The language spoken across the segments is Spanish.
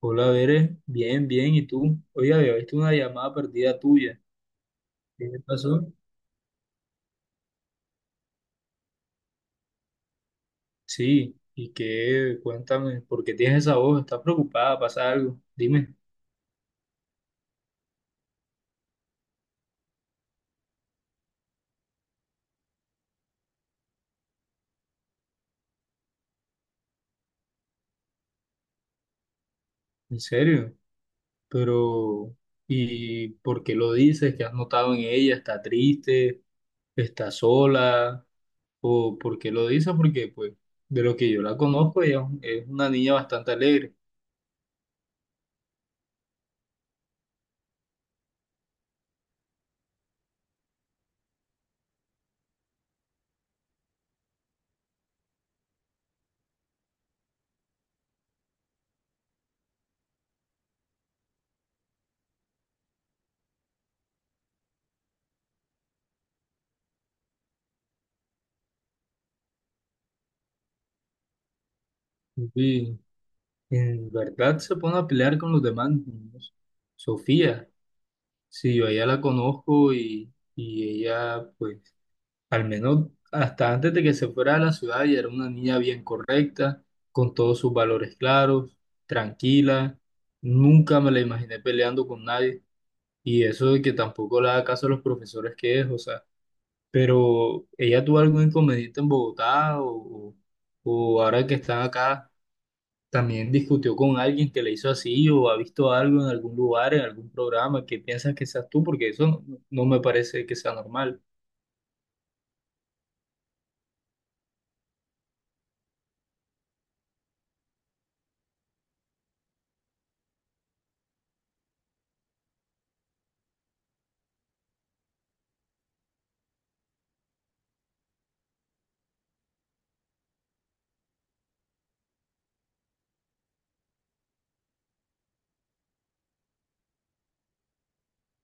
Hola, Bere. Bien, bien. ¿Y tú? Oye, había visto una llamada perdida tuya. ¿Qué te pasó? Sí. ¿Y qué? Cuéntame, ¿por qué tienes esa voz? ¿Estás preocupada? ¿Pasa algo? Dime, ¿en serio? Pero, ¿y por qué lo dices? ¿Qué has notado en ella? ¿Está triste? ¿Está sola? ¿O por qué lo dices? Porque, pues, de lo que yo la conozco, ella es una niña bastante alegre. Sí. ¿En verdad se pone a pelear con los demás niños? Sofía. Sí, yo a ella la conozco y ella, pues, al menos hasta antes de que se fuera a la ciudad, ella era una niña bien correcta, con todos sus valores claros, tranquila. Nunca me la imaginé peleando con nadie. Y eso de que tampoco le da caso a los profesores que es, o sea, pero ella tuvo algún inconveniente en Bogotá o ahora que están acá. También discutió con alguien que le hizo así o ha visto algo en algún lugar, en algún programa que piensas que seas tú, porque eso no, no me parece que sea normal.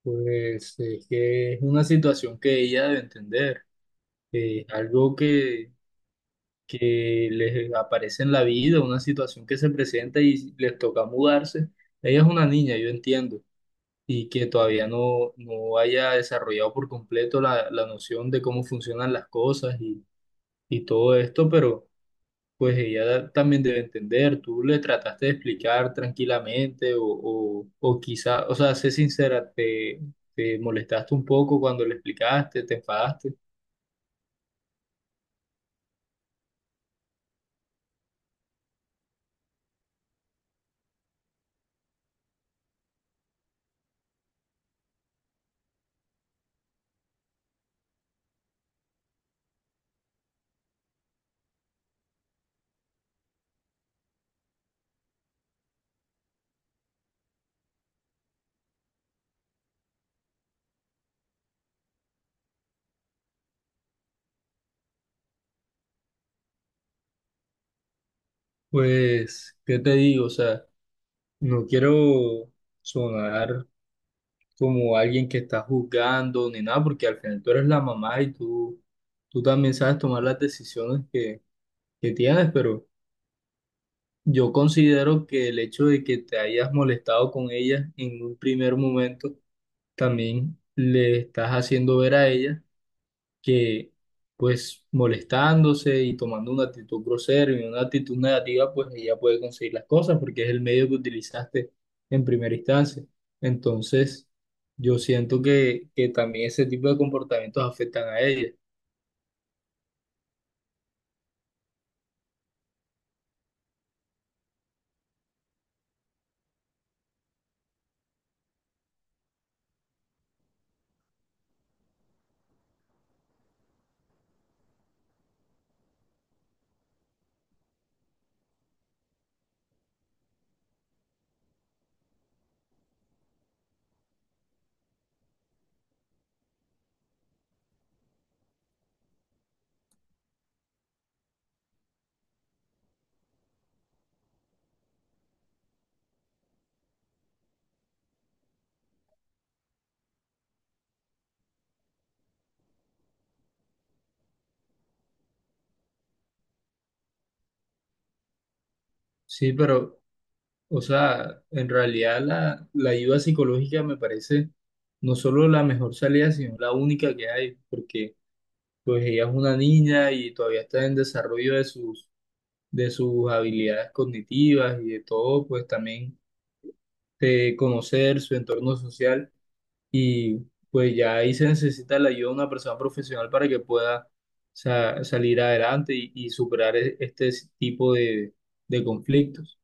Pues es que es una situación que ella debe entender, que es algo que les aparece en la vida, una situación que se presenta y les toca mudarse. Ella es una niña, yo entiendo, y que todavía no haya desarrollado por completo la noción de cómo funcionan las cosas y todo esto, pero pues ella también debe entender. Tú le trataste de explicar tranquilamente o quizá, o sea, sé sincera, te molestaste un poco cuando le explicaste, te enfadaste. Pues, ¿qué te digo? O sea, no quiero sonar como alguien que está juzgando ni nada, porque al final tú eres la mamá y tú también sabes tomar las decisiones que tienes, pero yo considero que el hecho de que te hayas molestado con ella en un primer momento también le estás haciendo ver a ella que, pues, molestándose y tomando una actitud grosera y una actitud negativa, pues ella puede conseguir las cosas porque es el medio que utilizaste en primera instancia. Entonces, yo siento que también ese tipo de comportamientos afectan a ella. Sí, pero, o sea, en realidad la ayuda psicológica me parece no solo la mejor salida, sino la única que hay, porque pues ella es una niña y todavía está en desarrollo de sus habilidades cognitivas y de todo, pues también de conocer su entorno social y pues ya ahí se necesita la ayuda de una persona profesional para que pueda salir adelante y superar este tipo de conflictos.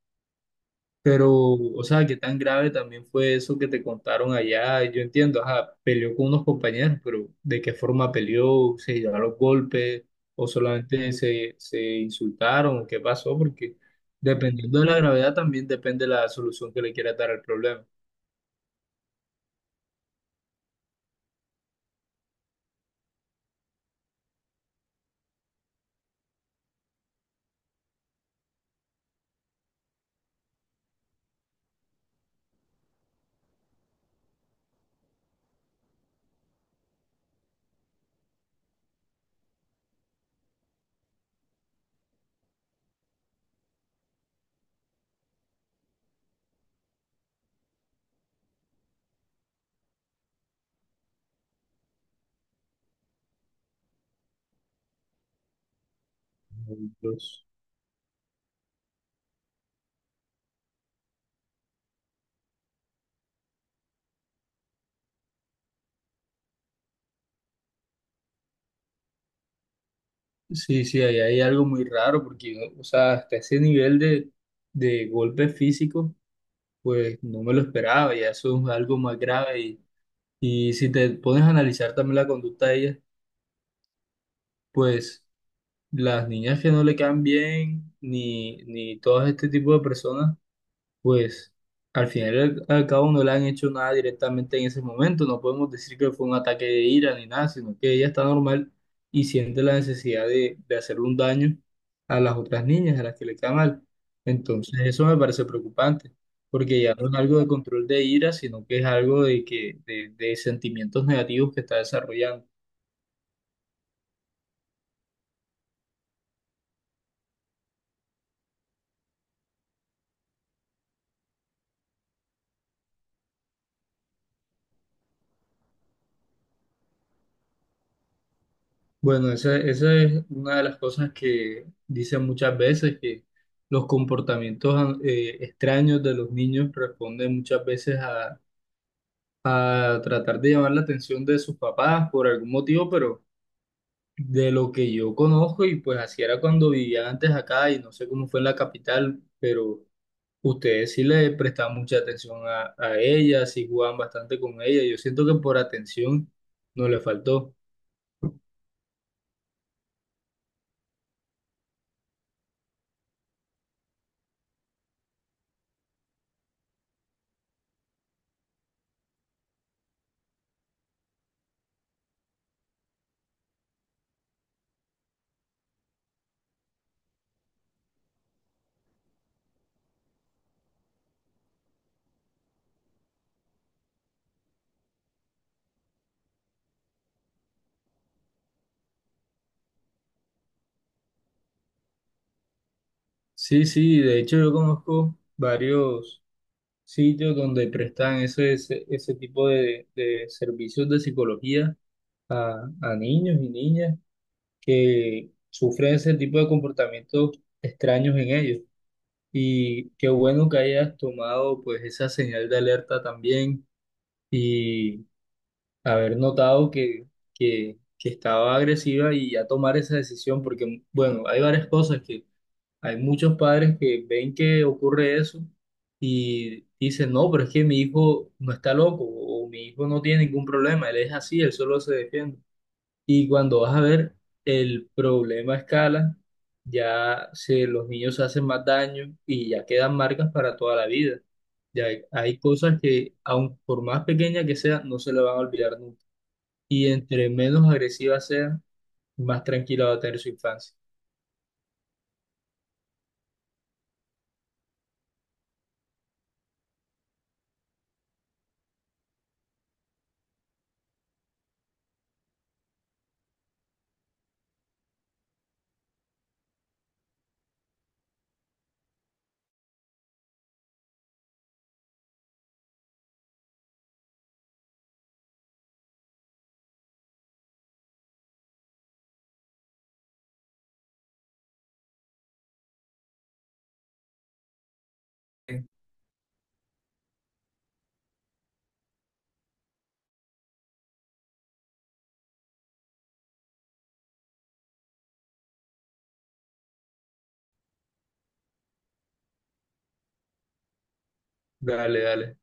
Pero, o sea, qué tan grave también fue eso que te contaron allá. Yo entiendo, ajá, peleó con unos compañeros, pero ¿de qué forma peleó? ¿Se llevaron los golpes? ¿O solamente se insultaron? ¿Qué pasó? Porque dependiendo de la gravedad también depende la solución que le quieras dar al problema. Entonces, sí, sí, ahí hay algo muy raro, porque, o sea, hasta ese nivel de golpes físicos, pues no me lo esperaba, ya eso es algo más grave. Y si te pones a analizar también la conducta de ellas, pues las niñas que no le quedan bien, ni, ni todo este tipo de personas, pues al final y al cabo no le han hecho nada directamente en ese momento. No podemos decir que fue un ataque de ira ni nada, sino que ella está normal y siente la necesidad de hacer un daño a las otras niñas, a las que le queda mal. Entonces eso me parece preocupante, porque ya no es algo de control de ira, sino que es algo de, que, de sentimientos negativos que está desarrollando. Bueno, esa es una de las cosas que dicen muchas veces, que los comportamientos extraños de los niños responden muchas veces a tratar de llamar la atención de sus papás por algún motivo, pero de lo que yo conozco, y pues así era cuando vivía antes acá, y no sé cómo fue en la capital, pero ustedes sí le prestaban mucha atención a ella, sí jugaban bastante con ella, yo siento que por atención no le faltó. Sí, sí, de hecho yo conozco varios sitios donde prestan ese, ese, ese tipo de servicios de psicología a niños y niñas que sufren ese tipo de comportamientos extraños en ellos. Y qué bueno que hayas tomado pues esa señal de alerta también y haber notado que estaba agresiva y ya tomar esa decisión, porque bueno, hay varias cosas, hay muchos padres que ven que ocurre eso y dicen, no, pero es que mi hijo no está loco o mi hijo no tiene ningún problema, él es así, él solo se defiende. Y cuando vas a ver el problema a escala, ya se, los niños se hacen más daño y ya quedan marcas para toda la vida. Ya hay cosas que, aun por más pequeña que sea, no se le van a olvidar nunca. Y entre menos agresiva sea, más tranquila va a tener su infancia. Dale, dale.